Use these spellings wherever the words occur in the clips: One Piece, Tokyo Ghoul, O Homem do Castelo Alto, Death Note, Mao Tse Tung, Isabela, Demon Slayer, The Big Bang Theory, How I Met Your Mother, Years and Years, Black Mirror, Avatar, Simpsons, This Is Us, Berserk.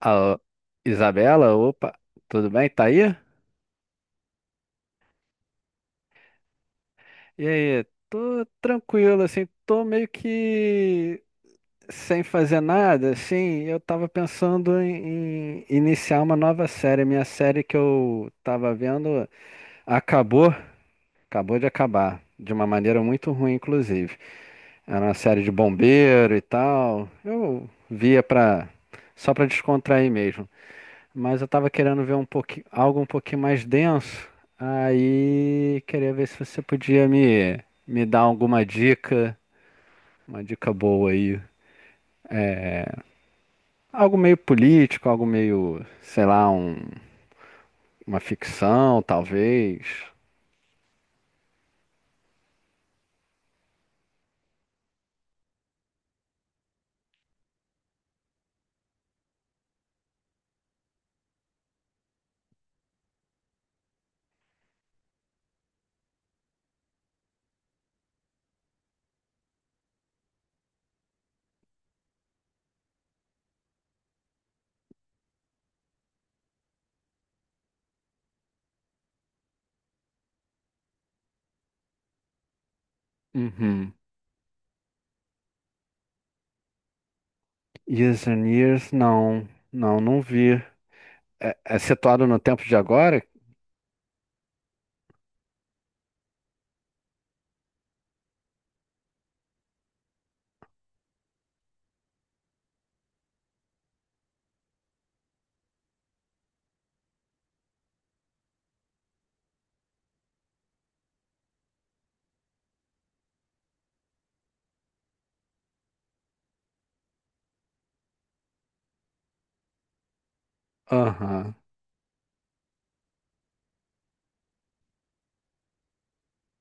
Alô, Isabela, opa, tudo bem? Tá aí? E aí, tô tranquilo, assim, tô meio que sem fazer nada, assim, eu tava pensando em iniciar uma nova série. Minha série que eu tava vendo acabou, acabou de acabar, de uma maneira muito ruim, inclusive. Era uma série de bombeiro e tal, só pra descontrair mesmo. Mas eu tava querendo ver um pouquinho, algo um pouquinho mais denso. Aí queria ver se você podia me dar alguma dica, uma dica boa aí. Algo meio político, algo meio, sei lá, uma ficção, talvez. Uhum. Years and Years, não vi. É, é situado no tempo de agora? Aham.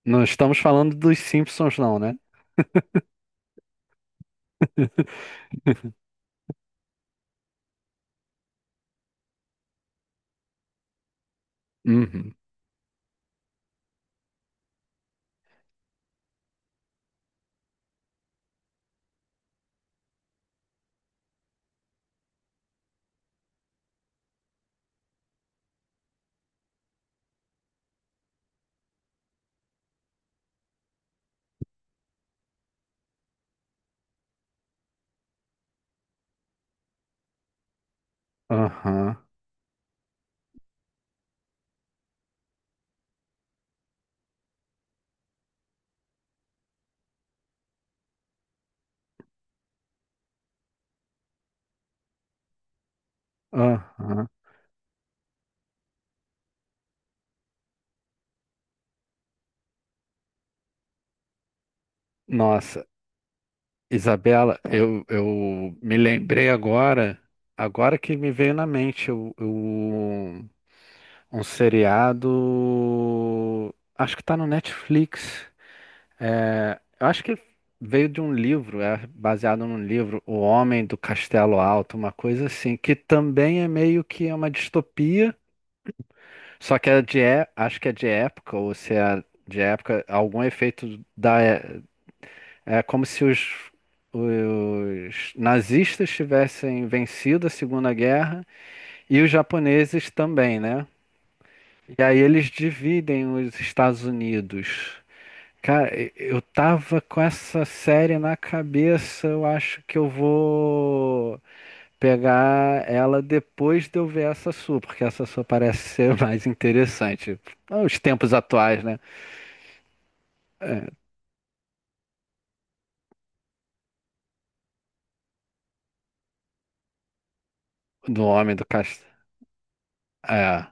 Não estamos falando dos Simpsons, não, né? Uhum. Aham. Aham. Nossa. Isabela, eu me lembrei agora, agora que me veio na mente um seriado, acho que tá no Netflix. É, eu acho que veio de um livro, é baseado num livro, O Homem do Castelo Alto, uma coisa assim, que também é meio que uma distopia, só que é de, acho que é de época, ou se é de época, algum efeito da, é, é como se os nazistas tivessem vencido a Segunda Guerra e os japoneses também, né? E aí eles dividem os Estados Unidos. Cara, eu tava com essa série na cabeça, eu acho que eu vou pegar ela depois de eu ver essa sua, porque essa sua parece ser mais interessante. Ah, Os tempos atuais, né? É, do homem do castelo. É.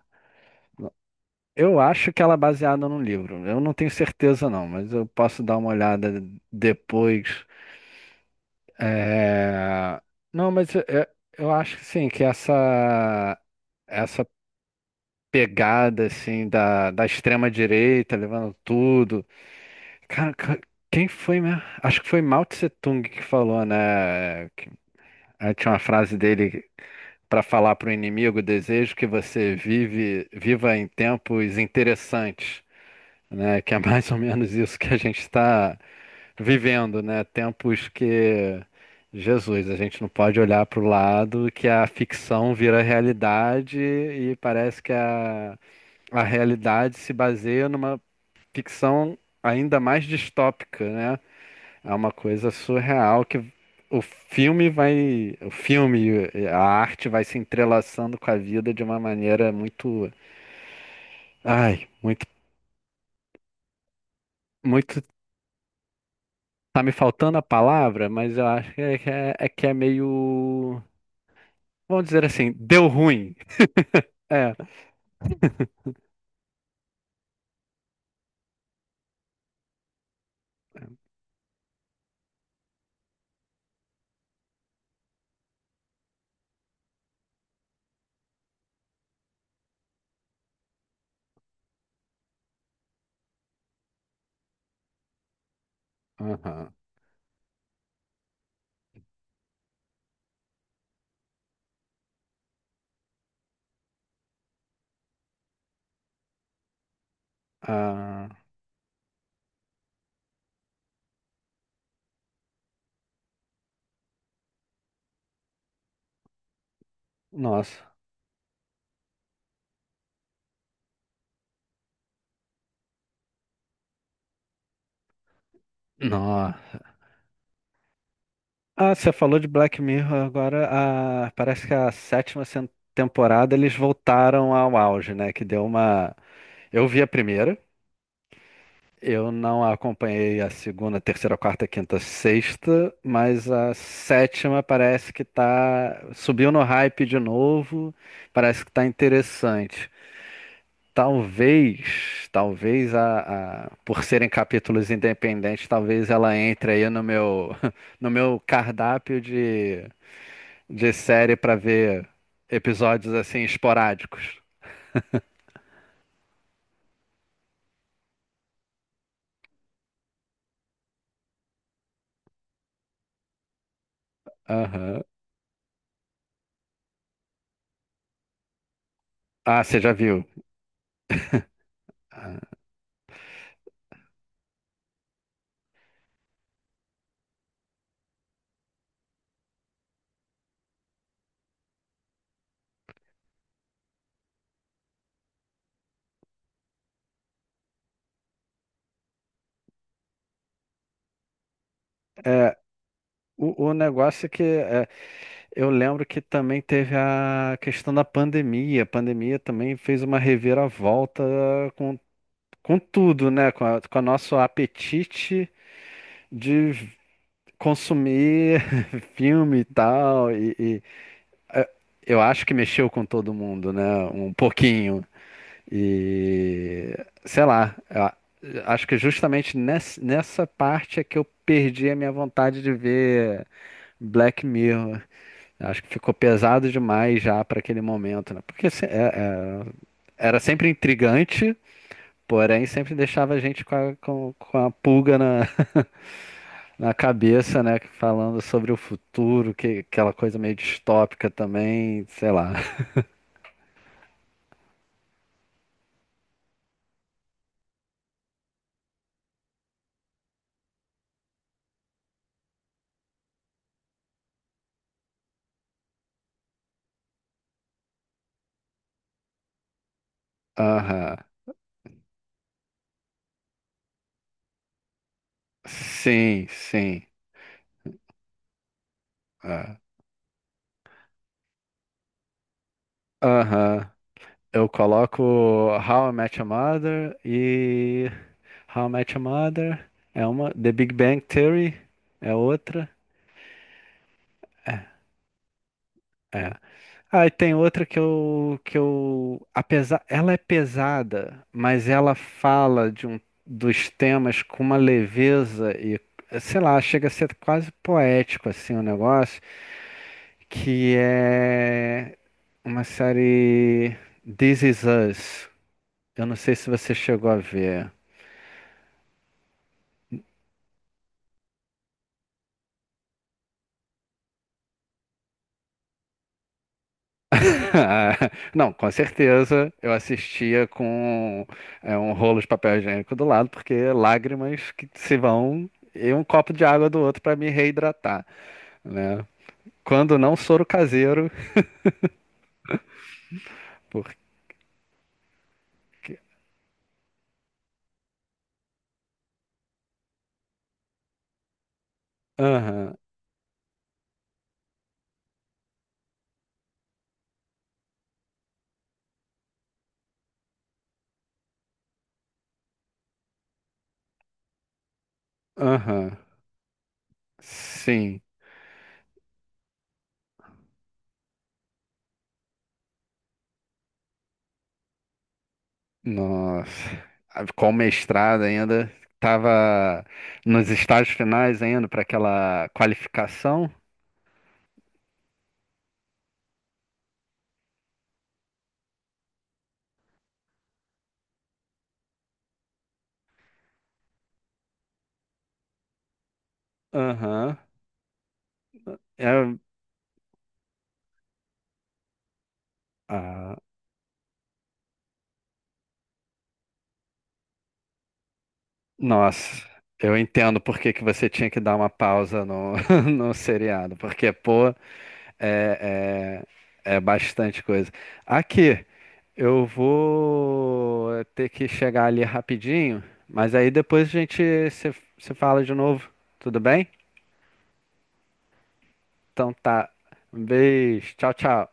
Eu acho que ela é baseada num livro. Eu não tenho certeza, não, mas eu posso dar uma olhada depois. É, não, mas eu acho que sim, que essa pegada assim da, da extrema direita levando tudo. Cara, quem foi mesmo? Acho que foi Mao Tse Tung que falou, né? Aí tinha uma frase dele para falar para o inimigo: desejo que você viva em tempos interessantes, né? Que é mais ou menos isso que a gente está vivendo, né? Tempos que, Jesus, a gente não pode olhar para o lado que a ficção vira realidade e parece que a realidade se baseia numa ficção ainda mais distópica, né? É uma coisa surreal que o filme e a arte vai se entrelaçando com a vida de uma maneira muito, ai, muito, muito. Tá me faltando a palavra, mas eu acho que é, é que é meio. Vamos dizer assim, deu ruim. É. Aham. Ah, nossa. Nossa. Ah, você falou de Black Mirror agora. Ah, parece que a sétima temporada eles voltaram ao auge, né? Que deu uma. Eu vi a primeira. Eu não acompanhei a segunda, terceira, quarta, quinta, sexta, mas a sétima parece que tá. Subiu no hype de novo. Parece que tá interessante. Talvez por serem capítulos independentes, talvez ela entre aí no meu no meu cardápio de série para ver episódios assim esporádicos. Aham. Ah, você já viu? Ah. O negócio é que é, eu lembro que também teve a questão da pandemia. A pandemia também fez uma reviravolta com, com tudo, né? Com o nosso apetite de consumir filme e tal, eh, eu acho que mexeu com todo mundo, né? Um pouquinho. E sei lá, acho que justamente nessa parte é que eu perdi a minha vontade de ver Black Mirror. Acho que ficou pesado demais já para aquele momento, né? Porque era sempre intrigante, porém sempre deixava a gente com com a pulga na cabeça, né? Falando sobre o futuro, que aquela coisa meio distópica também, sei lá. Aham. Sim, sim. É. Aham. Eu coloco How I Met Your Mother e How I Met Your Mother é uma. The Big Bang Theory é outra. É. Ah, e tem outra apesar, ela é pesada, mas ela fala de um, dos temas com uma leveza e, sei lá, chega a ser quase poético assim o negócio, que é uma série This Is Us. Eu não sei se você chegou a ver. Ah, não, com certeza eu assistia com é, um rolo de papel higiênico do lado, porque lágrimas que se vão e um copo de água do outro para me reidratar, né? Quando não soro caseiro, porque. Aham, aham, sim, nossa. Ah, com mestrado ainda, tava nos estágios finais ainda para aquela qualificação. Aham, é. Ah, nossa, eu entendo por que que você tinha que dar uma pausa no, no seriado, porque, pô, é, é bastante coisa. Aqui, eu vou ter que chegar ali rapidinho, mas aí depois a gente se fala de novo, tudo bem? Então tá, um beijo, tchau, tchau.